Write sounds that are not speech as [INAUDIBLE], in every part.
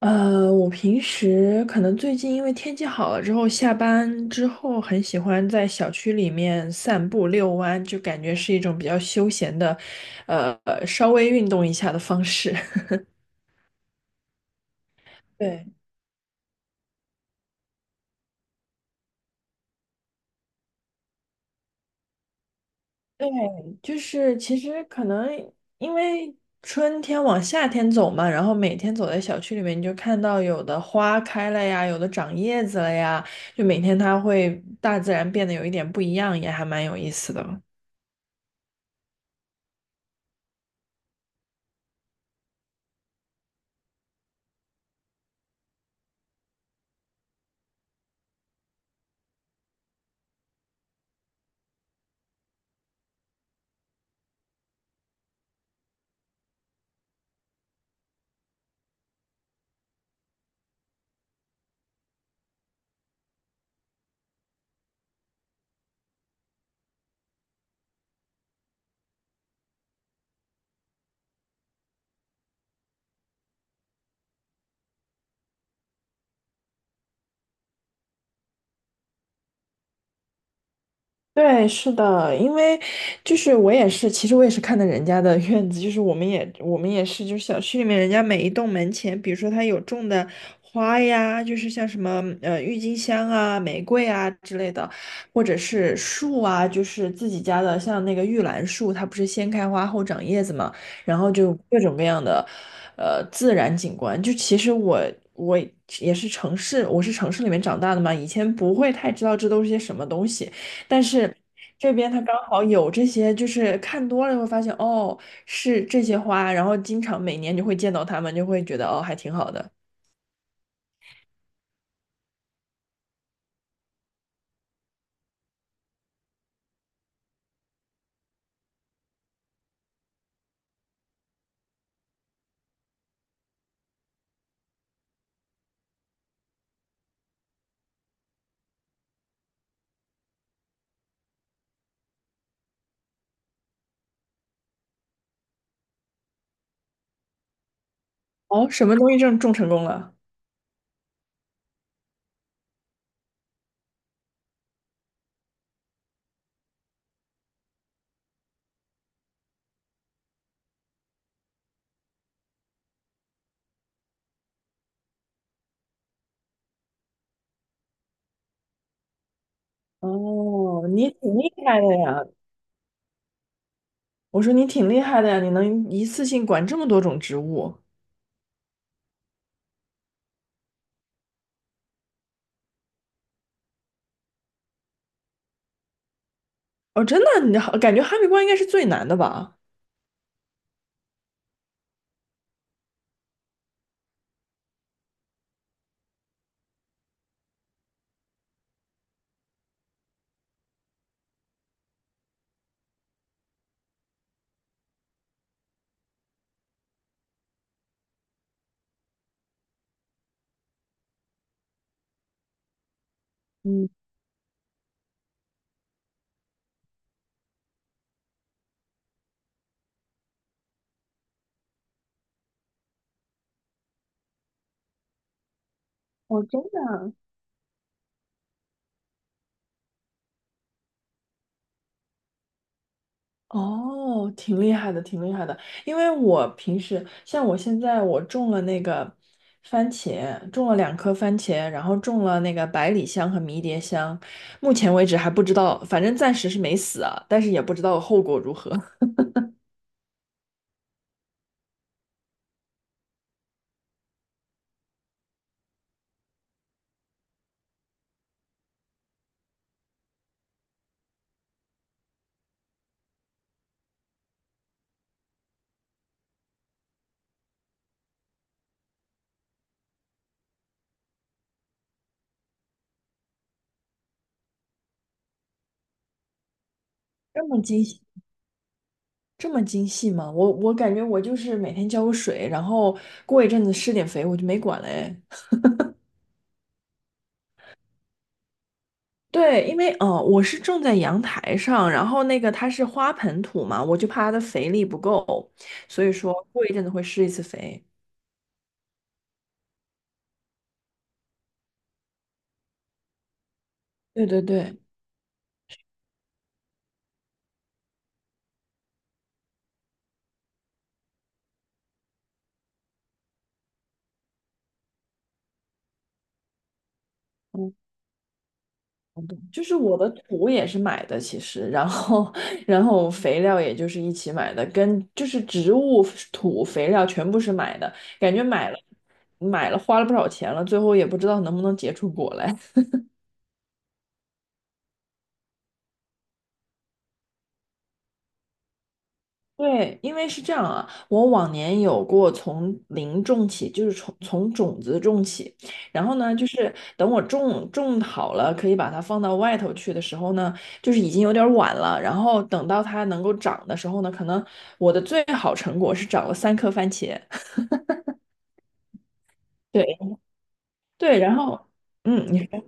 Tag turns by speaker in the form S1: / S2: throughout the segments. S1: 我平时可能最近因为天气好了之后，下班之后很喜欢在小区里面散步遛弯，就感觉是一种比较休闲的，呃，稍微运动一下的方式。[LAUGHS] 对对，就是其实可能因为春天往夏天走嘛，然后每天走在小区里面，你就看到有的花开了呀，有的长叶子了呀，就每天它会大自然变得有一点不一样，也还蛮有意思的。对，是的，因为就是我也是，其实我也是看的人家的 [LAUGHS] 院子，就是我们也是，就是小区里面人家每一栋门前，比如说他有种的花呀，就是像什么郁金香啊、玫瑰啊之类的，或者是树啊，就是自己家的，像那个玉兰树，它不是先开花后长叶子嘛，然后就各种各样的自然景观，就其实我。我也是城市，我是城市里面长大的嘛，以前不会太知道这都是些什么东西，但是这边它刚好有这些，就是看多了会发现，哦，是这些花，然后经常每年就会见到它们，就会觉得哦，还挺好的。哦，什么东西种成功了？哦，你挺厉害的呀！我说你挺厉害的呀，你能一次性管这么多种植物。哦，真的，你好，感觉哈密瓜应该是最难的吧？嗯，哦，真的。哦，挺厉害的，挺厉害的。因为我平时像我现在我种了那个番茄，种了2颗番茄，然后种了那个百里香和迷迭香，目前为止还不知道，反正暂时是没死啊，但是也不知道后果如何。[LAUGHS] 这么精细，这么精细吗？我感觉我就是每天浇个水，然后过一阵子施点肥，我就没管了哎。对，因为我是种在阳台上，然后那个它是花盆土嘛，我就怕它的肥力不够，所以说过一阵子会施一次肥。对对对，就是我的土也是买的，其实，然后 [LAUGHS] 然后肥料也就是一起买的，跟就是植物土肥料全部是买的，感觉买了花了不少钱了，最后也不知道能不能结出果来。对，因为是这样啊，我往年有过从零种起，就是从种子种起，然后呢，就是等我种好了，可以把它放到外头去的时候呢，就是已经有点晚了。然后等到它能够长的时候呢，可能我的最好成果是长了3颗番茄。[LAUGHS] 对对，然后你说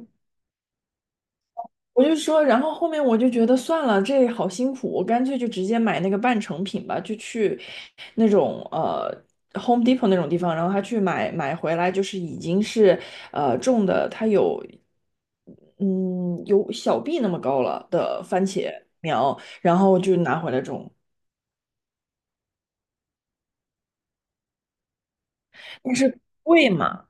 S1: 我就说，然后后面我就觉得算了，这好辛苦，我干脆就直接买那个半成品吧，就去那种Home Depot 那种地方，然后他去买回来，就是已经是种的，它有小臂那么高了的番茄苗，然后就拿回来种，但是贵嘛。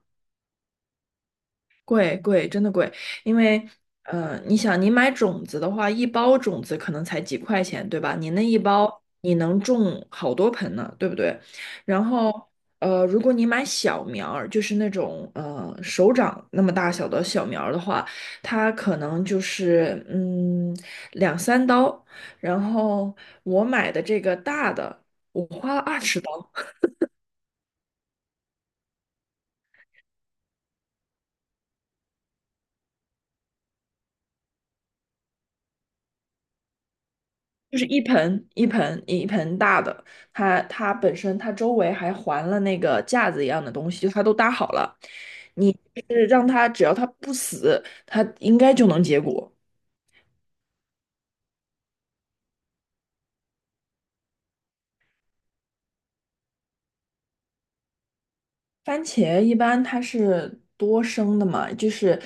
S1: 贵贵，真的贵，因为你想，你买种子的话，一包种子可能才几块钱，对吧？你那一包你能种好多盆呢，对不对？然后如果你买小苗儿，就是那种手掌那么大小的小苗儿的话，它可能就是2、3刀。然后我买的这个大的，我花了二十。就是一盆大的，它本身它周围还环了那个架子一样的东西，就它都搭好了。你就是让它只要它不死，它应该就能结果。番茄一般它是多生的嘛，就是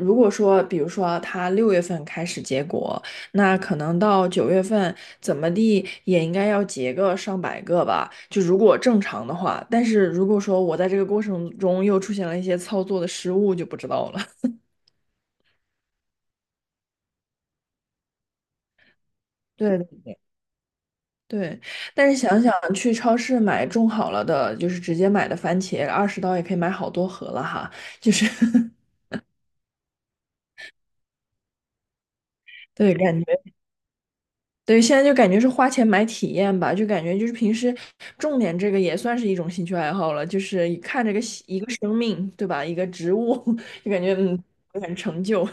S1: 如果说，比如说它6月份开始结果，那可能到9月份怎么地也应该要结个上百个吧，就如果正常的话。但是如果说我在这个过程中又出现了一些操作的失误，就不知道了。[LAUGHS] 对对，但是想想去超市买种好了的，就是直接买的番茄，20刀也可以买好多盒了哈，就是 [LAUGHS] 对，感觉。对，现在就感觉是花钱买体验吧，就感觉就是平时重点这个也算是一种兴趣爱好了，就是一看这个喜一个生命，对吧？一个植物，[LAUGHS] 就感觉很成就。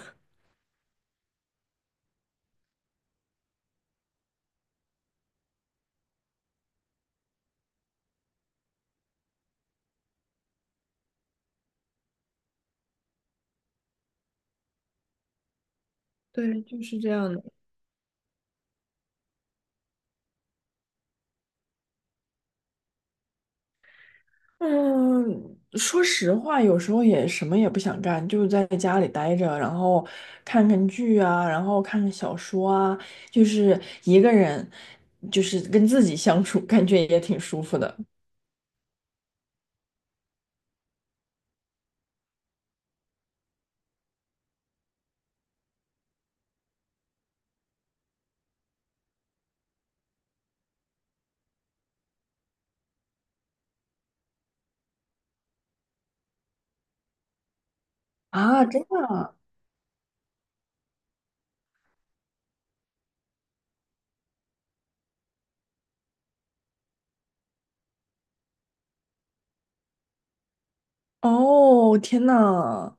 S1: 对，就是这样的。嗯，说实话，有时候也什么也不想干，就在家里待着，然后看看剧啊，然后看看小说啊，就是一个人，就是跟自己相处，感觉也挺舒服的。啊！真的啊。哦，天呐！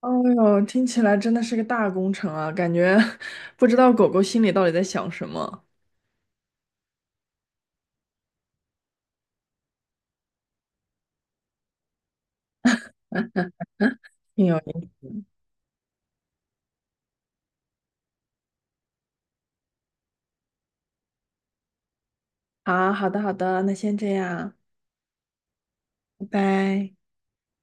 S1: 哦哟，听起来真的是个大工程啊，感觉 [LAUGHS] 不知道狗狗心里到底在想什么，挺有意思。好，好的，好的，那先这样，拜拜。